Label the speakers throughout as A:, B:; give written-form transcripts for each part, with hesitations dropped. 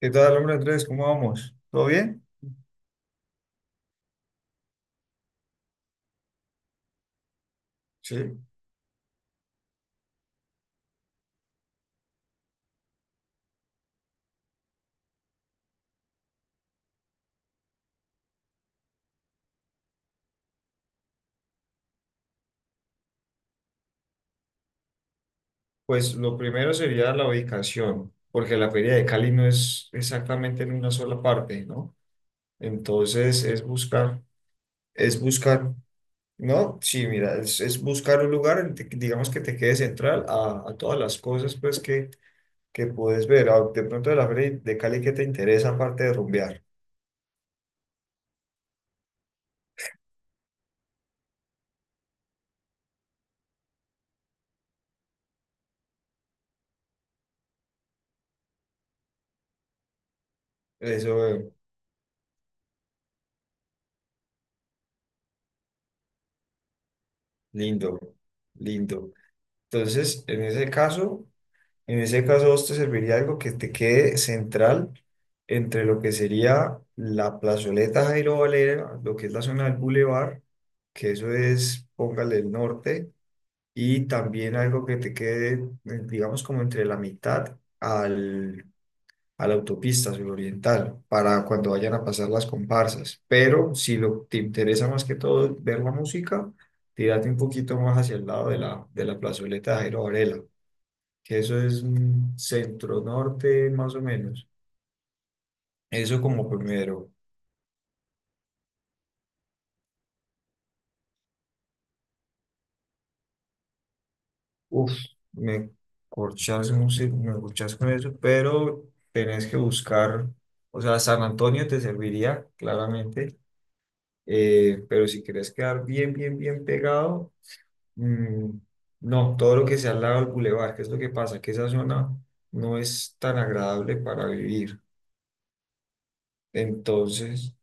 A: ¿Qué tal, hombre Andrés? ¿Cómo vamos? ¿Todo bien? Sí. Pues lo primero sería la ubicación, porque la Feria de Cali no es exactamente en una sola parte, ¿no? Entonces es buscar, ¿no? Sí, mira, es buscar un lugar, en digamos que te quede central a todas las cosas pues que puedes ver. Ah, de pronto de la Feria de Cali, ¿qué te interesa aparte de rumbear? Eso, lindo, lindo. Entonces, en ese caso... En ese caso, a vos te serviría algo que te quede central entre lo que sería la plazoleta Jairo Valera, lo que es la zona del bulevar, que eso es, póngale el norte, y también algo que te quede, digamos, como entre la mitad a la autopista suroriental, para cuando vayan a pasar las comparsas. Pero si te interesa más que todo ver la música, tírate un poquito más hacia el lado de la plazoleta Jairo Varela que eso es centro-norte más o menos. Eso como primero. Uf, me me corchas con eso, pero tenés que buscar, o sea, San Antonio te serviría, claramente, pero si querés quedar bien, bien, bien pegado, mm, no, todo lo que sea al lado del bulevar, que es lo que pasa, que esa zona no es tan agradable para vivir. Entonces...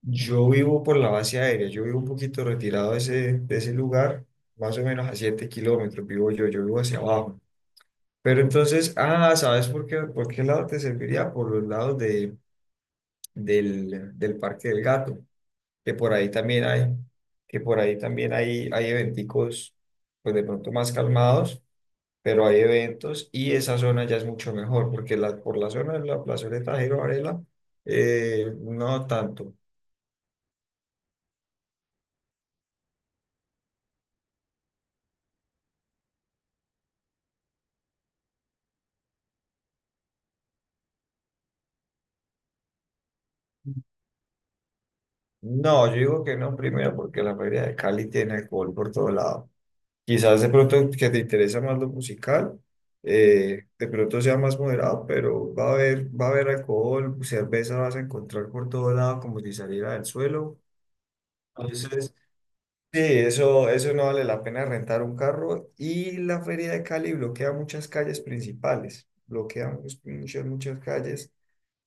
A: Yo vivo por la base aérea, yo vivo un poquito retirado de ese lugar, más o menos a 7 km vivo yo, yo vivo hacia abajo. Pero entonces, ah, ¿sabes por qué lado te serviría? Por los lados del Parque del Gato, que por ahí también hay, que por ahí también hay eventicos, pues de pronto más calmados, pero hay eventos y esa zona ya es mucho mejor, porque la, por la zona de la plazoleta Jairo Varela, no tanto. No, yo digo que no primero porque la feria de Cali tiene alcohol por todo lado. Quizás de pronto que te interesa más lo musical, de pronto sea más moderado, pero va a haber alcohol, cerveza vas a encontrar por todo lado como si saliera del suelo. Entonces. Sí, eso no vale la pena rentar un carro y la Feria de Cali bloquea muchas calles principales, muchas, muchas calles,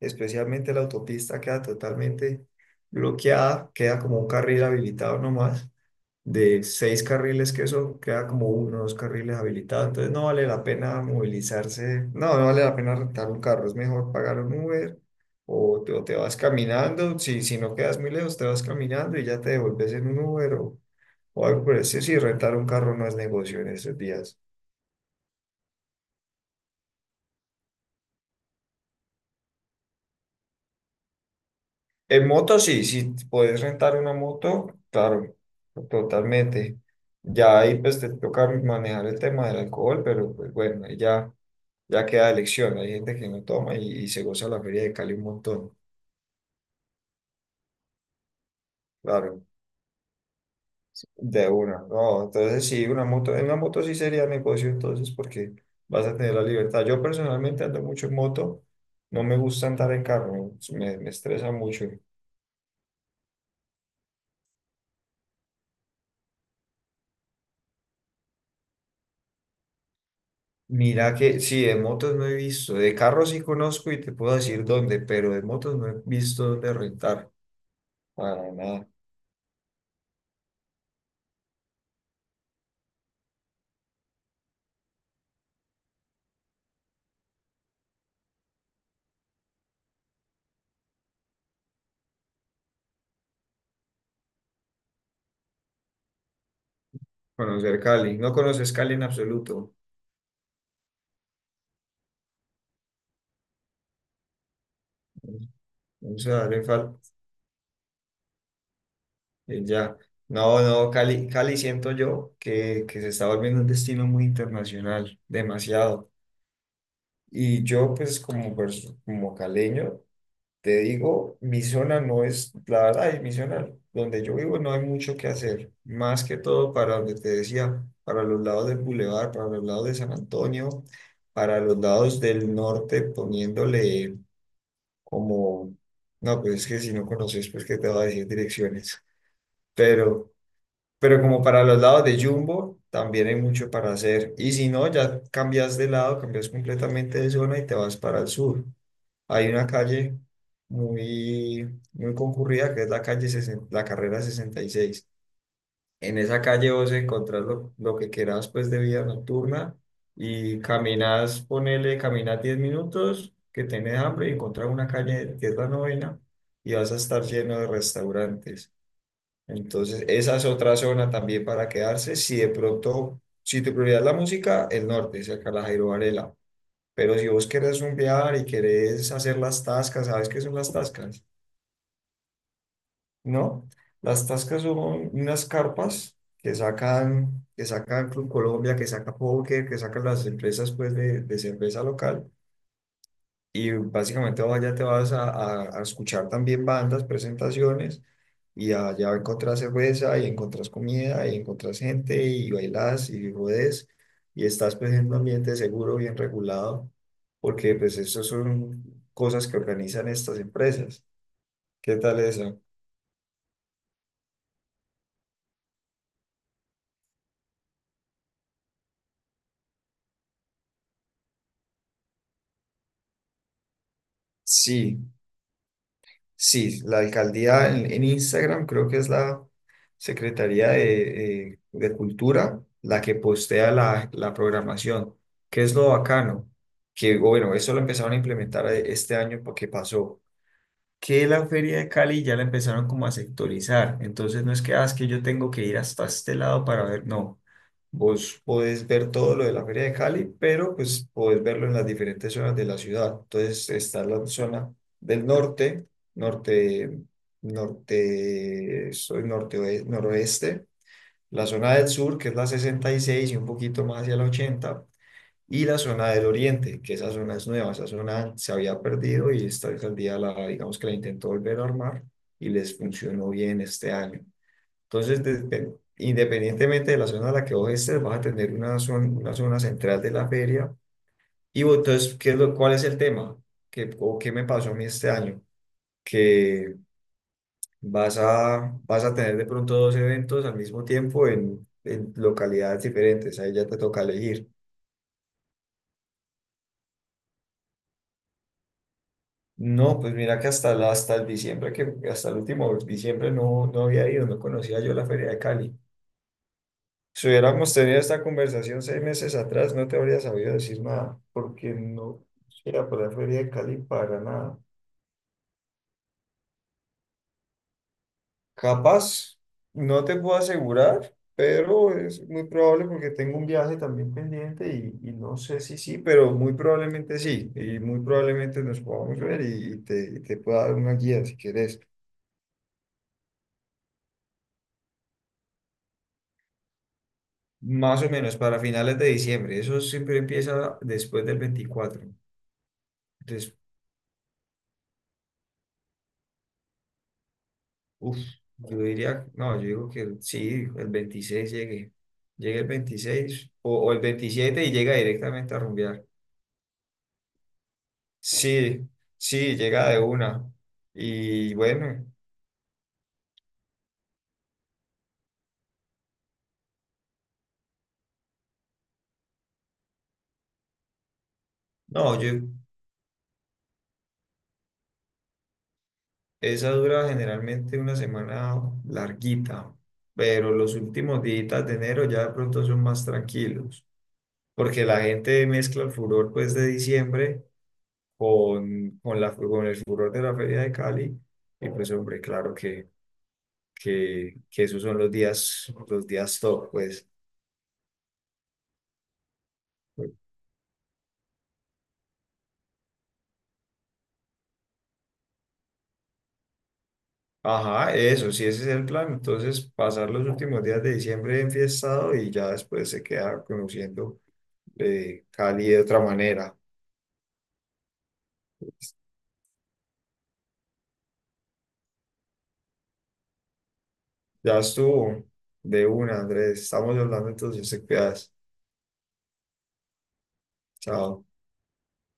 A: especialmente la autopista queda totalmente bloqueada, queda como un carril habilitado nomás de seis carriles que eso queda como uno o dos carriles habilitados, entonces no vale la pena movilizarse, no, no vale la pena rentar un carro, es mejor pagar un Uber o te vas caminando, si no quedas muy lejos te vas caminando y ya te devuelves en un Uber o algo por el estilo, sí, rentar un carro no es negocio en estos días. En moto sí, si puedes rentar una moto, claro, totalmente. Ya ahí pues te toca manejar el tema del alcohol, pero pues bueno, ahí ya ya queda elección, hay gente que no toma y se goza la feria de Cali un montón, claro, de una, no, entonces sí, en una moto sí sería negocio entonces porque vas a tener la libertad. Yo personalmente ando mucho en moto, no me gusta andar en carro, me estresa mucho. Mira que sí, de motos no he visto, de carros sí conozco y te puedo decir dónde, pero de motos no he visto dónde rentar, para nada, conocer Cali, no conoces Cali en absoluto, no se darle falta. Eh, ya, no, no, Cali, Cali siento yo que se está volviendo un destino muy internacional, demasiado. Y yo, pues, como caleño, te digo, mi zona no es, la verdad, y mi zona donde yo vivo no hay mucho que hacer, más que todo para donde te decía, para los lados del Boulevard, para los lados de San Antonio, para los lados del norte, poniéndole como, no, pues es que si no conoces, pues, ¿qué te va a decir direcciones? Pero. Pero como para los lados de Jumbo, también hay mucho para hacer. Y si no, ya cambias de lado, cambias completamente de zona y te vas para el sur. Hay una calle muy, muy concurrida que es la la carrera 66. En esa calle vos encontrás lo que quieras pues de vida nocturna y caminas, ponele, caminas 10 minutos que tenés hambre y encontrás una calle que es la novena y vas a estar lleno de restaurantes. Entonces, esa es otra zona también para quedarse. Si de pronto, si tu prioridad es la música, el norte, cerca de la Jairo Varela. Pero si vos querés rumbear y querés hacer las tascas, ¿sabes qué son las tascas? ¿No? Las tascas son unas carpas que sacan Club Colombia, que saca Poker, que sacan las empresas pues de cerveza local. Y básicamente allá te vas a escuchar también bandas, presentaciones, y allá encontrás cerveza, y encontrás comida, y encontrás gente, y bailás, y rodés, y estás pues en un ambiente seguro, bien regulado, porque pues eso son cosas que organizan estas empresas. ¿Qué tal eso? Sí. Sí, la alcaldía en Instagram creo que es la Secretaría de Cultura la que postea la programación. ¿Qué es lo bacano, que bueno, eso lo empezaron a implementar este año porque pasó, que la feria de Cali ya la empezaron como a sectorizar. Entonces no es que, ah, es que yo tengo que ir hasta este lado para ver, no. Vos podés ver todo lo de la feria de Cali, pero pues podés verlo en las diferentes zonas de la ciudad. Entonces está la zona del norte, norte, norte, soy norte, noroeste, la zona del sur, que es la 66 y un poquito más hacia la 80 y la zona del oriente, que esa zona es nueva, esa zona se había perdido y esta alcaldía la, digamos que la intentó volver a armar y les funcionó bien este año. Entonces, desde- independientemente de la zona a la que vos estés, vas a tener una zona central de la feria. Y vos, entonces, ¿qué es lo, cuál es el tema? ¿Qué, o qué me pasó a mí este año? Que vas a, vas a tener de pronto dos eventos al mismo tiempo en localidades diferentes, ahí ya te toca elegir. No, pues mira que hasta el diciembre, que hasta el último diciembre no había ido, no conocía yo la Feria de Cali. Si hubiéramos tenido esta conversación 6 meses atrás, no te habría sabido decir nada, porque no era por la Feria de Cali para nada. Capaz, no te puedo asegurar, pero es muy probable porque tengo un viaje también pendiente y no sé si sí, pero muy probablemente sí, y muy probablemente nos podamos ver y y te pueda dar una guía si quieres. Más o menos para finales de diciembre. Eso siempre empieza después del 24. Entonces, uff, yo diría, no, yo digo que sí, el 26 llegue. Llegue el 26 o el 27 y llega directamente a rumbear. Sí, sí, llega de una. Y bueno, no, yo, esa dura generalmente una semana larguita, pero los últimos días de enero ya de pronto son más tranquilos, porque la gente mezcla el furor pues de diciembre con el furor de la Feria de Cali. Y pues, hombre, claro que esos son los días top, pues. Ajá, eso, sí, ese es el plan. Entonces, pasar los últimos días de diciembre enfiestado y ya después se queda conociendo Cali de otra manera. Ya estuvo de una, Andrés. Estamos hablando, entonces te cuidas. Chao.